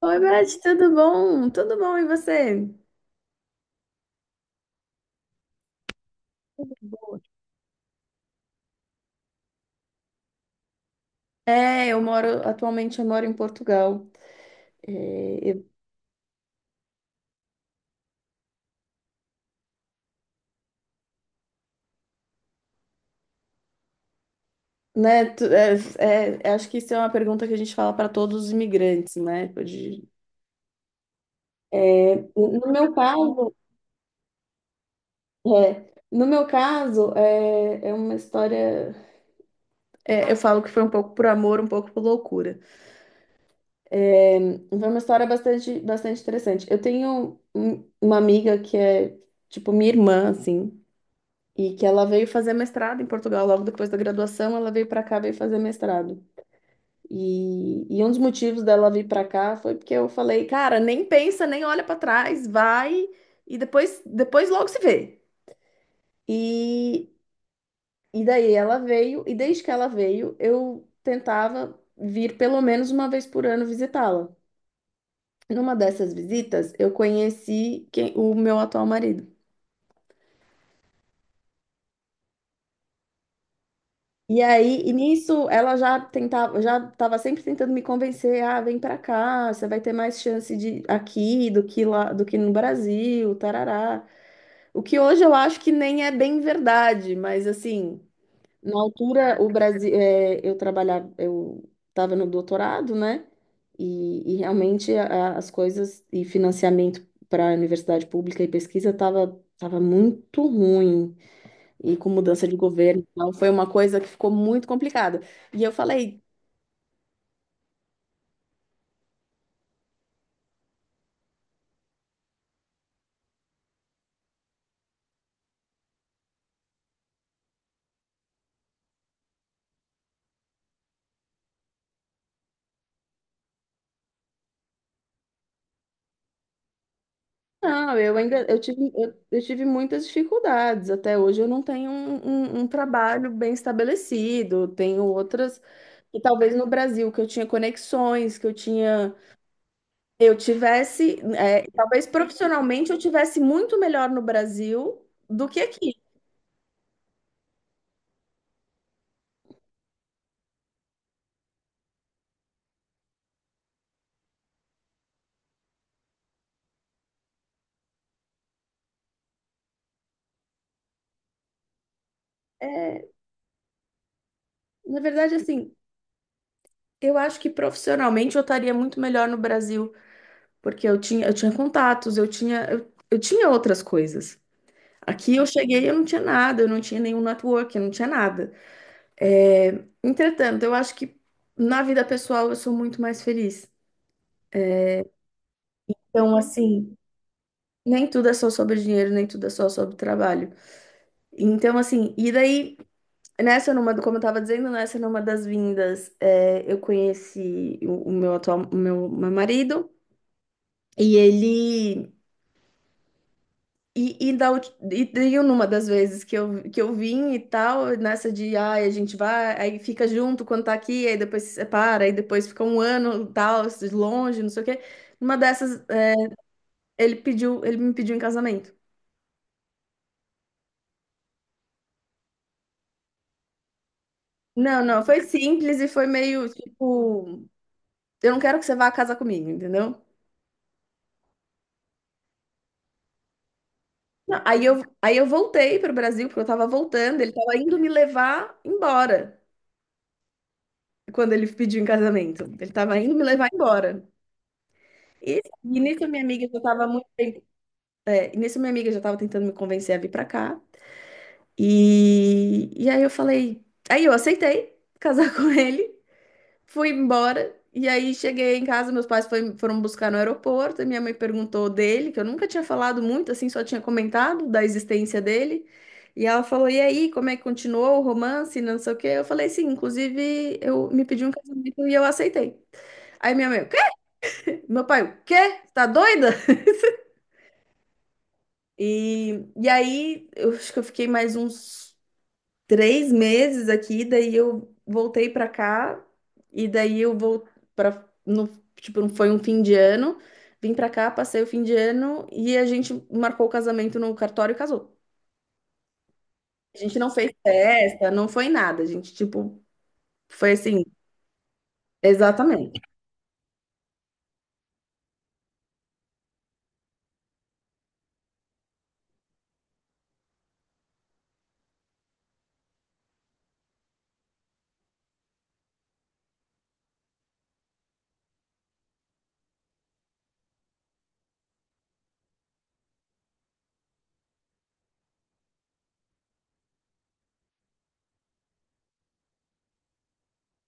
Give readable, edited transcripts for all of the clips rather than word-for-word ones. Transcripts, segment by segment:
Oi, Beth, tudo bom? Tudo bom, e você? Tudo bom. É, atualmente eu moro em Portugal. É, eu- Acho que isso é uma pergunta que a gente fala para todos os imigrantes, né? No meu caso, é uma história. Eu falo que foi um pouco por amor, um pouco por loucura. Foi uma história bastante, bastante interessante. Eu tenho uma amiga que é, tipo, minha irmã, assim. E que ela veio fazer mestrado em Portugal, logo depois da graduação, ela veio para cá, veio fazer mestrado. E um dos motivos dela vir para cá foi porque eu falei, cara, nem pensa, nem olha para trás, vai e depois logo se vê. E, e daí ela veio, e desde que ela veio, eu tentava vir pelo menos uma vez por ano visitá-la. Numa dessas visitas, eu conheci quem, o meu atual marido. E aí, e nisso, já estava sempre tentando me convencer, ah, vem pra cá, você vai ter mais chance de aqui do que lá, do que no Brasil, tarará. O que hoje eu acho que nem é bem verdade, mas assim, na altura o Brasil, eu estava no doutorado, né? E realmente as coisas e financiamento para a universidade pública e pesquisa estava tava tava muito ruim e com mudança de governo, então foi uma coisa que ficou muito complicada. E eu falei, não, eu ainda eu tive muitas dificuldades. Até hoje eu não tenho um trabalho bem estabelecido, tenho outras. E talvez no Brasil, que eu tinha conexões, que eu tinha. Eu tivesse. Talvez profissionalmente eu tivesse muito melhor no Brasil do que aqui. É, Na verdade, assim, eu acho que profissionalmente eu estaria muito melhor no Brasil. Porque eu tinha contatos, eu tinha outras coisas. Aqui eu cheguei, e eu não tinha nada, eu não tinha nenhum network, eu não tinha nada. Entretanto, eu acho que na vida pessoal eu sou muito mais feliz. Então, assim, nem tudo é só sobre dinheiro, nem tudo é só sobre trabalho. Então, assim, e daí, como eu tava dizendo, nessa numa das vindas, eu conheci o meu atual, o meu marido, e ele. E, da, ulti- e numa das vezes que que eu vim e tal, nessa de, ai, a gente vai, aí fica junto quando tá aqui, aí depois se separa, aí depois fica um ano e tal, longe, não sei o quê. Numa dessas, ele me pediu em casamento. Não, não, foi simples e foi meio tipo, eu não quero que você vá casar comigo, entendeu? Não, aí eu voltei pro Brasil, porque eu tava voltando, ele tava indo me levar embora quando ele pediu em casamento. Ele tava indo me levar embora. E, e nisso minha amiga já estava E nisso minha amiga já estava tentando me convencer a vir para cá. E aí eu falei, aí eu aceitei casar com ele, fui embora. E aí cheguei em casa, meus pais foram buscar no aeroporto, e minha mãe perguntou dele, que eu nunca tinha falado muito, assim, só tinha comentado da existência dele. E ela falou: "E aí, como é que continuou o romance, não sei o quê?" Eu falei: "Sim, inclusive eu me pedi um casamento e eu aceitei." Aí minha mãe: "O quê?" Meu pai: "O quê? Tá doida?" E aí, eu acho que eu fiquei mais uns 3 meses aqui, daí eu voltei pra cá, e daí eu vou para no, tipo, não foi um fim de ano, vim pra cá, passei o fim de ano e a gente marcou o casamento no cartório e casou. A gente não fez festa, não foi nada, a gente, tipo, foi assim, exatamente.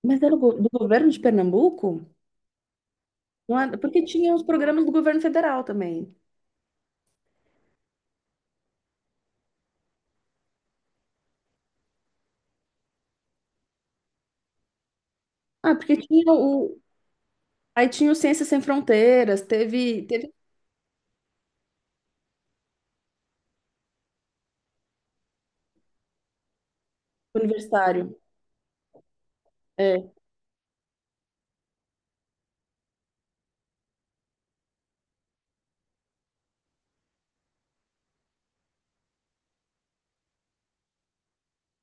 Mas era do governo de Pernambuco? Não, porque tinha os programas do governo federal também. Ah, porque tinha o. Aí tinha o Ciências Sem Fronteiras, teve, teve. Universitário, é.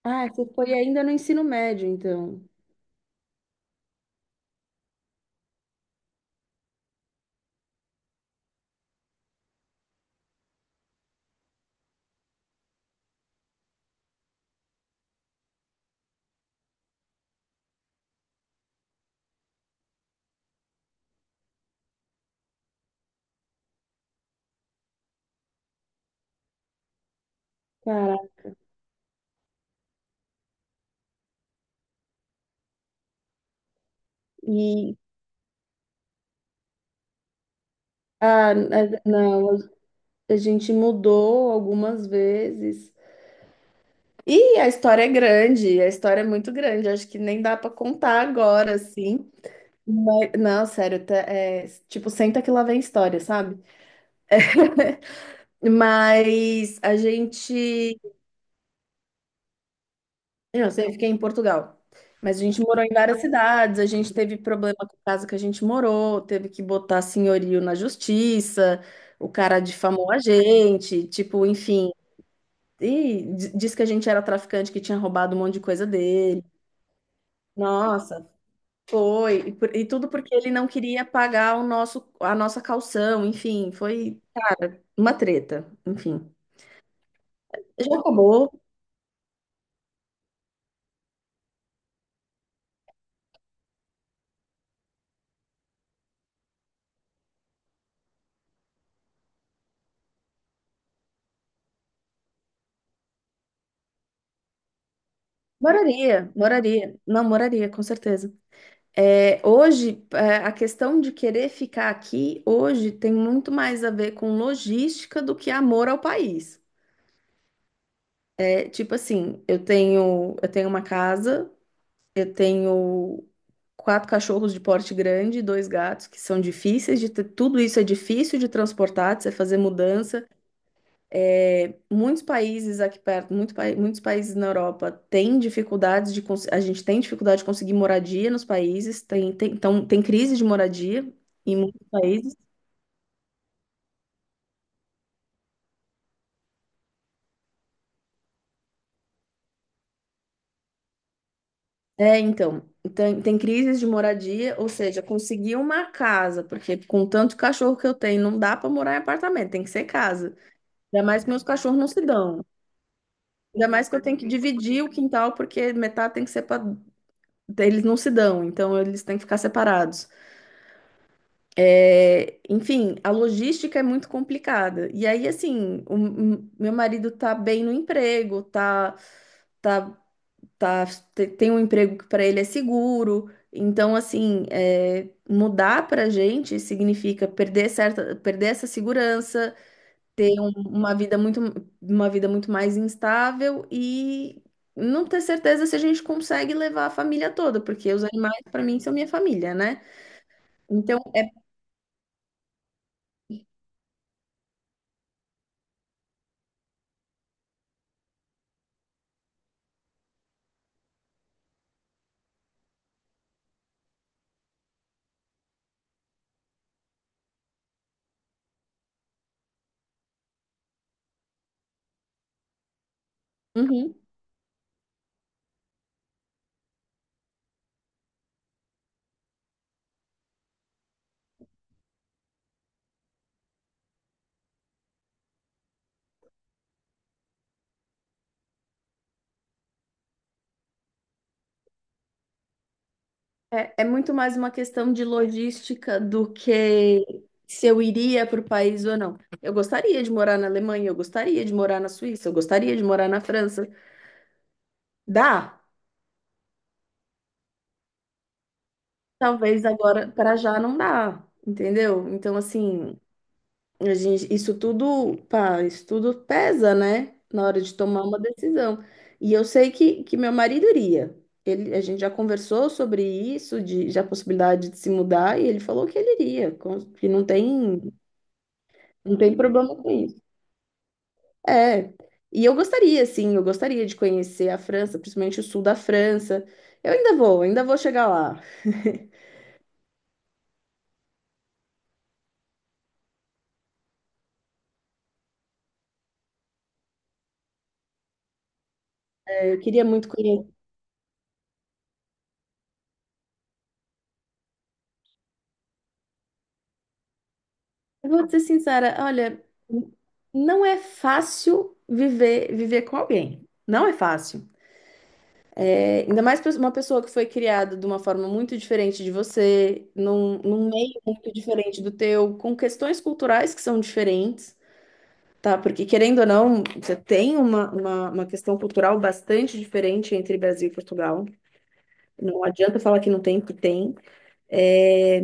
Ah, você foi ainda no ensino médio, então. Cara, e não, a gente mudou algumas vezes. E a história é grande, a história é muito grande, acho que nem dá para contar agora, assim. Não, sério, tipo, senta que lá vem história, sabe? Mas a gente Eu sempre fiquei em Portugal. Mas a gente morou em várias cidades, a gente teve problema com a casa que a gente morou, teve que botar senhorio na justiça, o cara difamou a gente, tipo, enfim. E disse que a gente era traficante, que tinha roubado um monte de coisa dele. Nossa, foi. E tudo porque ele não queria pagar o nosso, a nossa calção, enfim, foi uma treta, enfim. Já acabou. Moraria, moraria. Não, moraria, com certeza. Hoje, a questão de querer ficar aqui hoje tem muito mais a ver com logística do que amor ao país. Tipo assim, eu tenho uma casa, eu tenho quatro cachorros de porte grande, dois gatos que são difíceis de ter, tudo isso é difícil de transportar, de você fazer mudança. Muitos países aqui perto, muitos países na Europa têm dificuldades de a gente tem dificuldade de conseguir moradia nos países, então, tem crise de moradia em muitos países. Então, tem crises de moradia, ou seja, conseguir uma casa, porque com tanto cachorro que eu tenho, não dá para morar em apartamento, tem que ser casa. Ainda mais que meus cachorros não se dão. Ainda mais que eu tenho que dividir o quintal, porque metade tem que ser para. Eles não se dão, então eles têm que ficar separados. Enfim, a logística é muito complicada. E aí, assim, o meu marido tá bem no emprego, tá, tá, tem um emprego que para ele é seguro. Então, assim, mudar pra gente significa perder certa, perder essa segurança, uma vida muito, uma vida muito mais instável e não ter certeza se a gente consegue levar a família toda, porque os animais, para mim, são minha família, né? Então, é. Uhum. É muito mais uma questão de logística do que se eu iria para o país ou não. Eu gostaria de morar na Alemanha, eu gostaria de morar na Suíça, eu gostaria de morar na França. Dá? Talvez agora, para já não dá, entendeu? Então, assim, a gente, isso tudo, pá, isso tudo pesa, né? Na hora de tomar uma decisão. E eu sei que meu marido iria. Ele, a gente já conversou sobre isso, de a possibilidade de se mudar, e ele falou que ele iria, que não tem. Não tem problema com isso. É. E eu gostaria, sim, eu gostaria de conhecer a França, principalmente o sul da França. Ainda vou chegar lá. Eu queria muito conhecer. Eu vou ser sincera, olha, não é fácil viver com alguém. Não é fácil. Ainda mais pra uma pessoa que foi criada de uma forma muito diferente de você, num meio muito diferente do teu, com questões culturais que são diferentes. Tá, porque querendo ou não, você tem uma questão cultural bastante diferente entre Brasil e Portugal. Não adianta falar que não tem, que tem. É,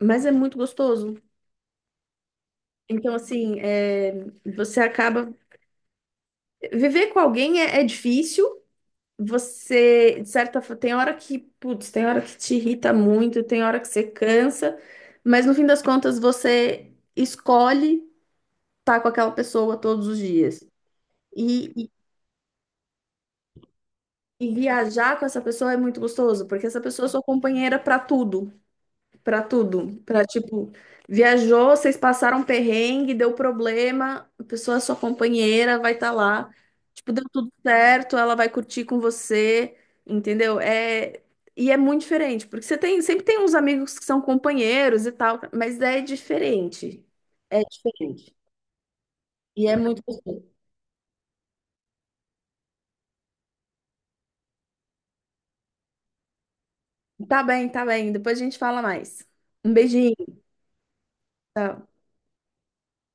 mas é muito gostoso. Então, assim, você acaba. Viver com alguém é difícil. Você, de certa forma, tem hora que, putz, tem hora que te irrita muito, tem hora que você cansa, mas no fim das contas você escolhe estar com aquela pessoa todos os dias. e E viajar com essa pessoa é muito gostoso, porque essa pessoa é sua companheira pra tudo, pra tudo. Pra tipo, viajou, vocês passaram perrengue, deu problema, a pessoa é sua companheira, vai estar lá. Tipo, deu tudo certo, ela vai curtir com você, entendeu? E é muito diferente, porque sempre tem uns amigos que são companheiros e tal, mas é diferente. É diferente. E é muito gostoso. Tá bem, depois a gente fala mais. Um beijinho.